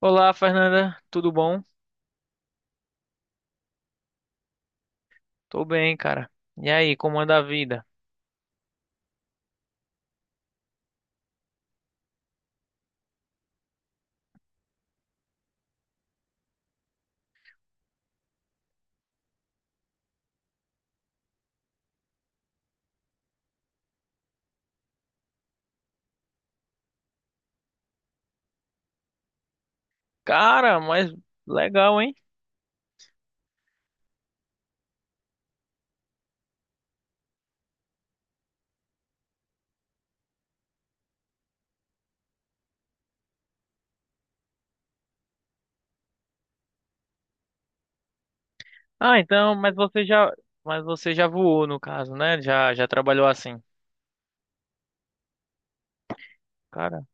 Olá, Fernanda, tudo bom? Tô bem, cara. E aí, como anda a vida? Cara, mas legal, hein? Ah, então, mas você já voou no caso, né? Já trabalhou assim. Cara,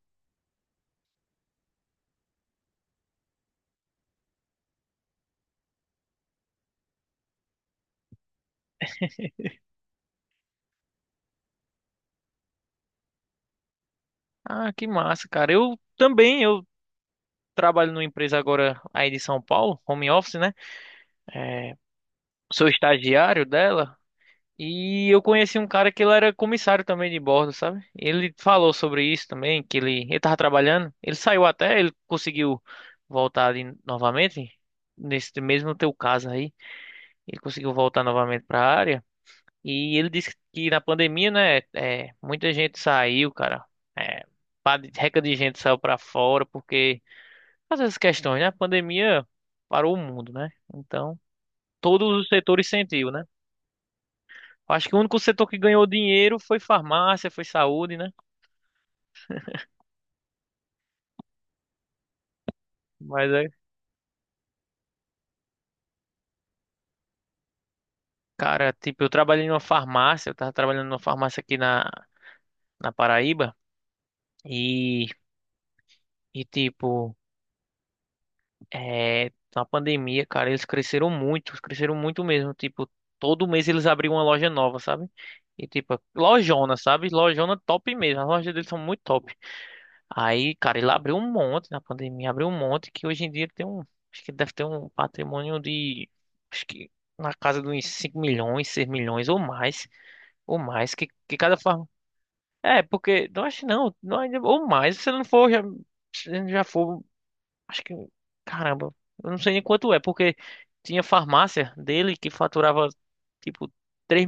ah, que massa, cara. Eu também, eu trabalho numa empresa agora aí de São Paulo, home office, né? É, sou estagiário dela. E eu conheci um cara que ele era comissário também de bordo, sabe? Ele falou sobre isso também, que ele tava trabalhando, ele saiu até, ele conseguiu voltar ali novamente, nesse mesmo teu caso aí, ele conseguiu voltar novamente para a área, e ele disse que na pandemia, né, é, muita gente saiu, cara, é, pá reca de gente saiu para fora, porque, às essas questões, né, a pandemia parou o mundo, né, então todos os setores sentiu, né? Acho que o único setor que ganhou dinheiro foi farmácia, foi saúde, né? Mas é, cara, tipo, eu trabalhei numa farmácia, eu tava trabalhando numa farmácia aqui na Paraíba e, e tipo, é, na pandemia, cara, eles cresceram muito mesmo, tipo, todo mês eles abriam uma loja nova, sabe? E tipo, lojona, sabe? Lojona top mesmo, as lojas deles são muito top. Aí, cara, ele abriu um monte na pandemia, abriu um monte que hoje em dia ele tem um, acho que ele deve ter um patrimônio de, acho que na casa dos 5 milhões, 6 milhões ou mais, que, cada farm. É, porque, não acho não, não, ou mais, se não for, já, se já for, acho que, caramba, eu não sei nem quanto é, porque tinha farmácia dele que faturava, tipo, 3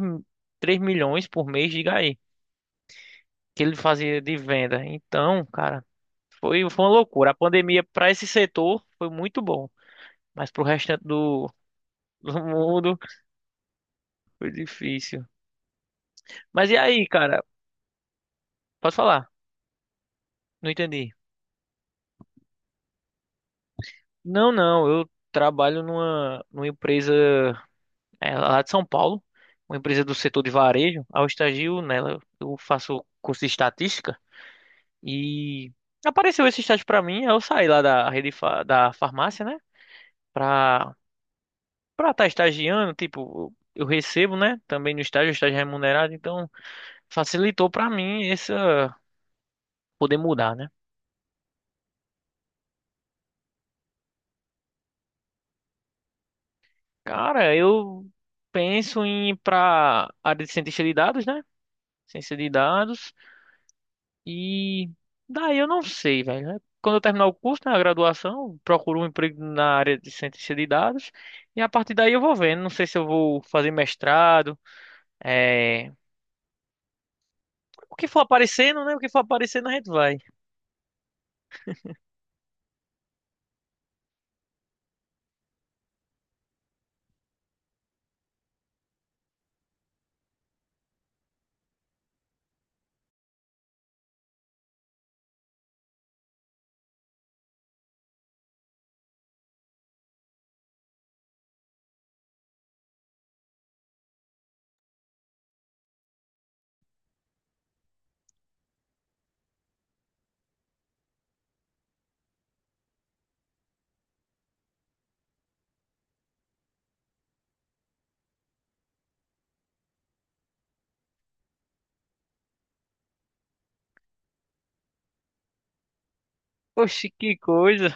3 milhões por mês, diga aí, que ele fazia de venda. Então, cara. Foi uma loucura. A pandemia para esse setor foi muito bom, mas para o restante do, do mundo foi difícil. Mas e aí, cara? Pode falar? Não entendi. Não, não. Eu trabalho numa empresa é, lá de São Paulo, uma empresa do setor de varejo. Ao estagio nela, eu faço curso de estatística e apareceu esse estágio para mim. Eu saí lá da rede da farmácia, né? Para Para estar estagiando, tipo, eu recebo, né? Também no estágio, estágio é remunerado, então facilitou pra mim essa poder mudar, né? Cara, eu penso em ir pra área de cientista de dados, né? Ciência de dados. E daí eu não sei, velho. Né? Quando eu terminar o curso, né, a graduação, eu procuro um emprego na área de cientista de dados e a partir daí eu vou vendo. Não sei se eu vou fazer mestrado, é... o que for aparecendo, né? O que for aparecendo a gente vai. Oxe, que coisa,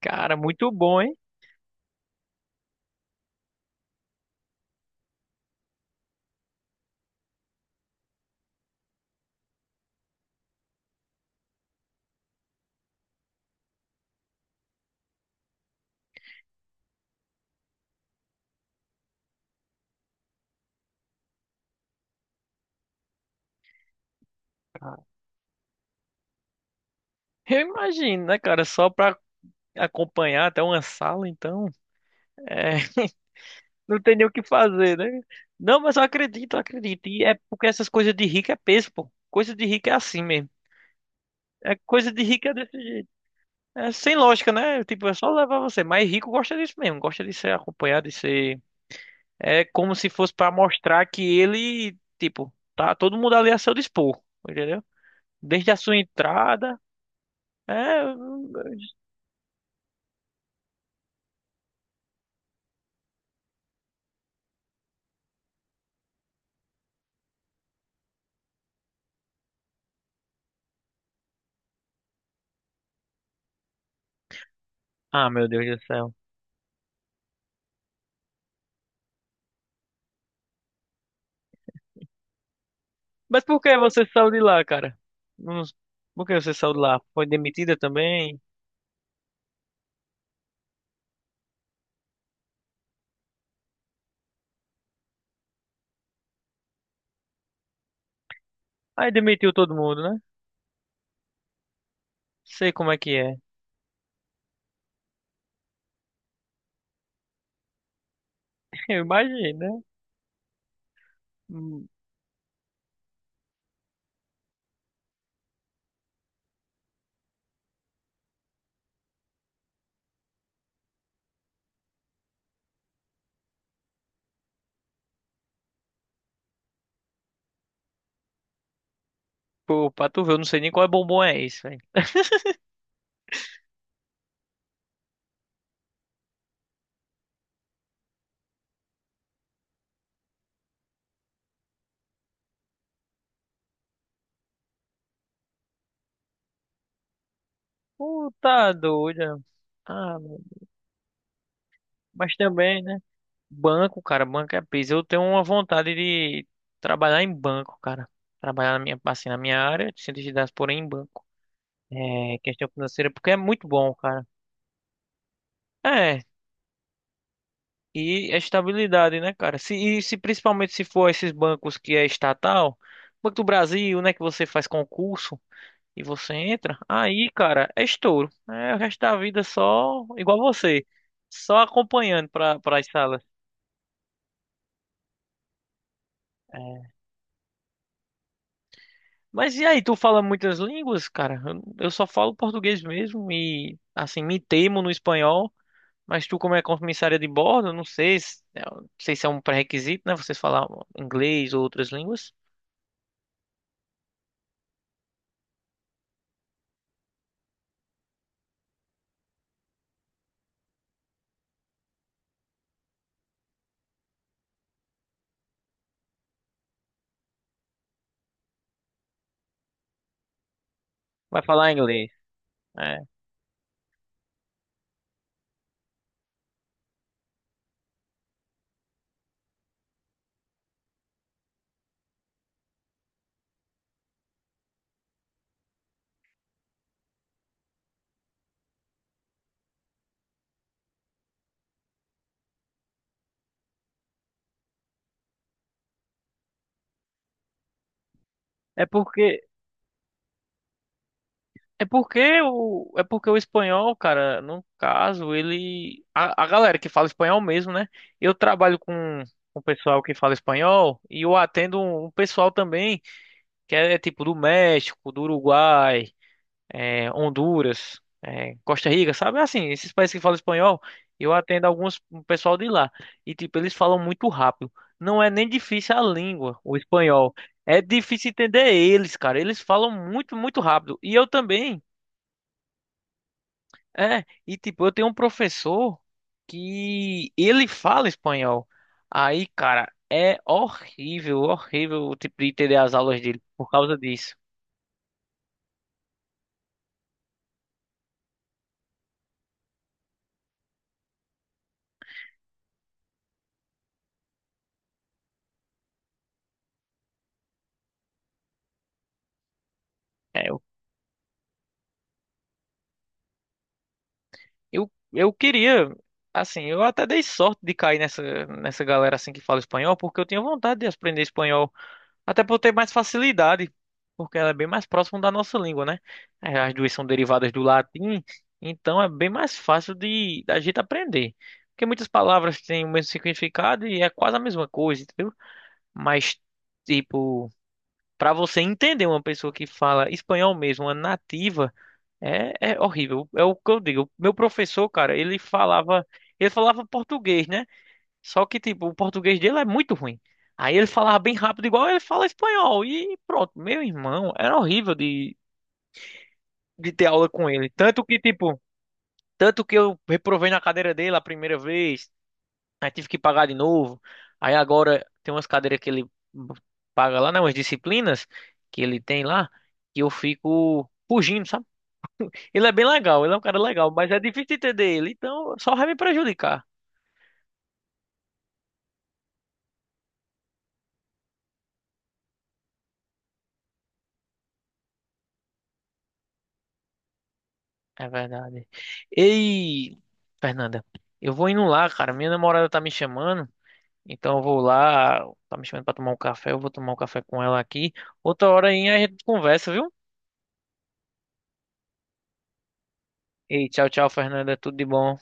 cara, muito bom, hein? Eu imagino, né, cara? Só pra acompanhar até uma sala, então. É, não tem nem o que fazer, né? Não, mas eu acredito, eu acredito. E é porque essas coisas de rico é peso, pô. Coisa de rico é assim mesmo. É, coisa de rico é desse jeito. É sem lógica, né? Tipo, é só levar você. Mas rico gosta disso mesmo, gosta de ser acompanhado, de ser. É como se fosse pra mostrar que ele, tipo, tá todo mundo ali a seu dispor, entendeu? Desde a sua entrada. É. Ah, meu Deus do céu. Mas por que você saiu de lá, cara? Não- Por que você saiu de lá? Foi demitida também? Aí demitiu todo mundo, né? Sei como é que é. Eu imagino, né? Hum, pô, pra tu ver, eu não sei nem qual é bombom é isso, velho. Puta doida. Ah, mas também, né? Banco, cara, banco é peso. Eu tenho uma vontade de trabalhar em banco, cara. Trabalhar na minha, assim, na minha área, de cientista de dados, porém em banco. É, questão financeira, porque é muito bom, cara. É, e a estabilidade, né, cara? Se, e se principalmente se for esses bancos que é estatal, Banco do Brasil, né, que você faz concurso. E você entra, aí, cara, é estouro. É o resto da vida é só igual você, só acompanhando para as salas. Mas e aí, tu fala muitas línguas, cara? Eu só falo português mesmo e, assim, me temo no espanhol. Mas tu, como é comissária de bordo, não sei se, eu não sei se é um pré-requisito, né? Vocês falar inglês ou outras línguas. Vai falar inglês. É, é porque é porque o espanhol, cara, no caso, ele. A galera que fala espanhol mesmo, né? Eu trabalho com o pessoal que fala espanhol e eu atendo um pessoal também que é, é tipo do México, do Uruguai, é, Honduras, é, Costa Rica, sabe? Assim, esses países que falam espanhol, eu atendo alguns um pessoal de lá. E, tipo, eles falam muito rápido. Não é nem difícil a língua, o espanhol. É difícil entender eles, cara. Eles falam muito, muito rápido. E eu também. É, e tipo, eu tenho um professor que ele fala espanhol. Aí, cara, é horrível, horrível, tipo, de entender as aulas dele por causa disso. É, eu, eu queria, assim, eu até dei sorte de cair nessa galera assim que fala espanhol, porque eu tinha vontade de aprender espanhol. Até por ter mais facilidade, porque ela é bem mais próxima da nossa língua, né? É, as duas são derivadas do latim, então é bem mais fácil de da gente aprender. Porque muitas palavras têm o mesmo significado e é quase a mesma coisa, entendeu? Mas, tipo, para você entender uma pessoa que fala espanhol mesmo, uma nativa, é, é horrível. É o que eu digo. Meu professor, cara, ele falava português, né? Só que, tipo, o português dele é muito ruim. Aí ele falava bem rápido, igual ele fala espanhol. E pronto, meu irmão, era horrível de ter aula com ele. Tanto que, tipo, tanto que eu reprovei na cadeira dele a primeira vez, aí tive que pagar de novo. Aí agora tem umas cadeiras que ele paga lá, né? Umas disciplinas que ele tem lá, que eu fico fugindo, sabe? Ele é bem legal, ele é um cara legal, mas é difícil entender ele, então só vai me prejudicar. É verdade. Ei, Fernanda, eu vou indo lá, cara. Minha namorada tá me chamando, então eu vou lá. Tá me chamando pra tomar um café. Eu vou tomar um café com ela aqui. Outra hora aí a gente conversa, viu? Ei, tchau, tchau, Fernanda. Tudo de bom.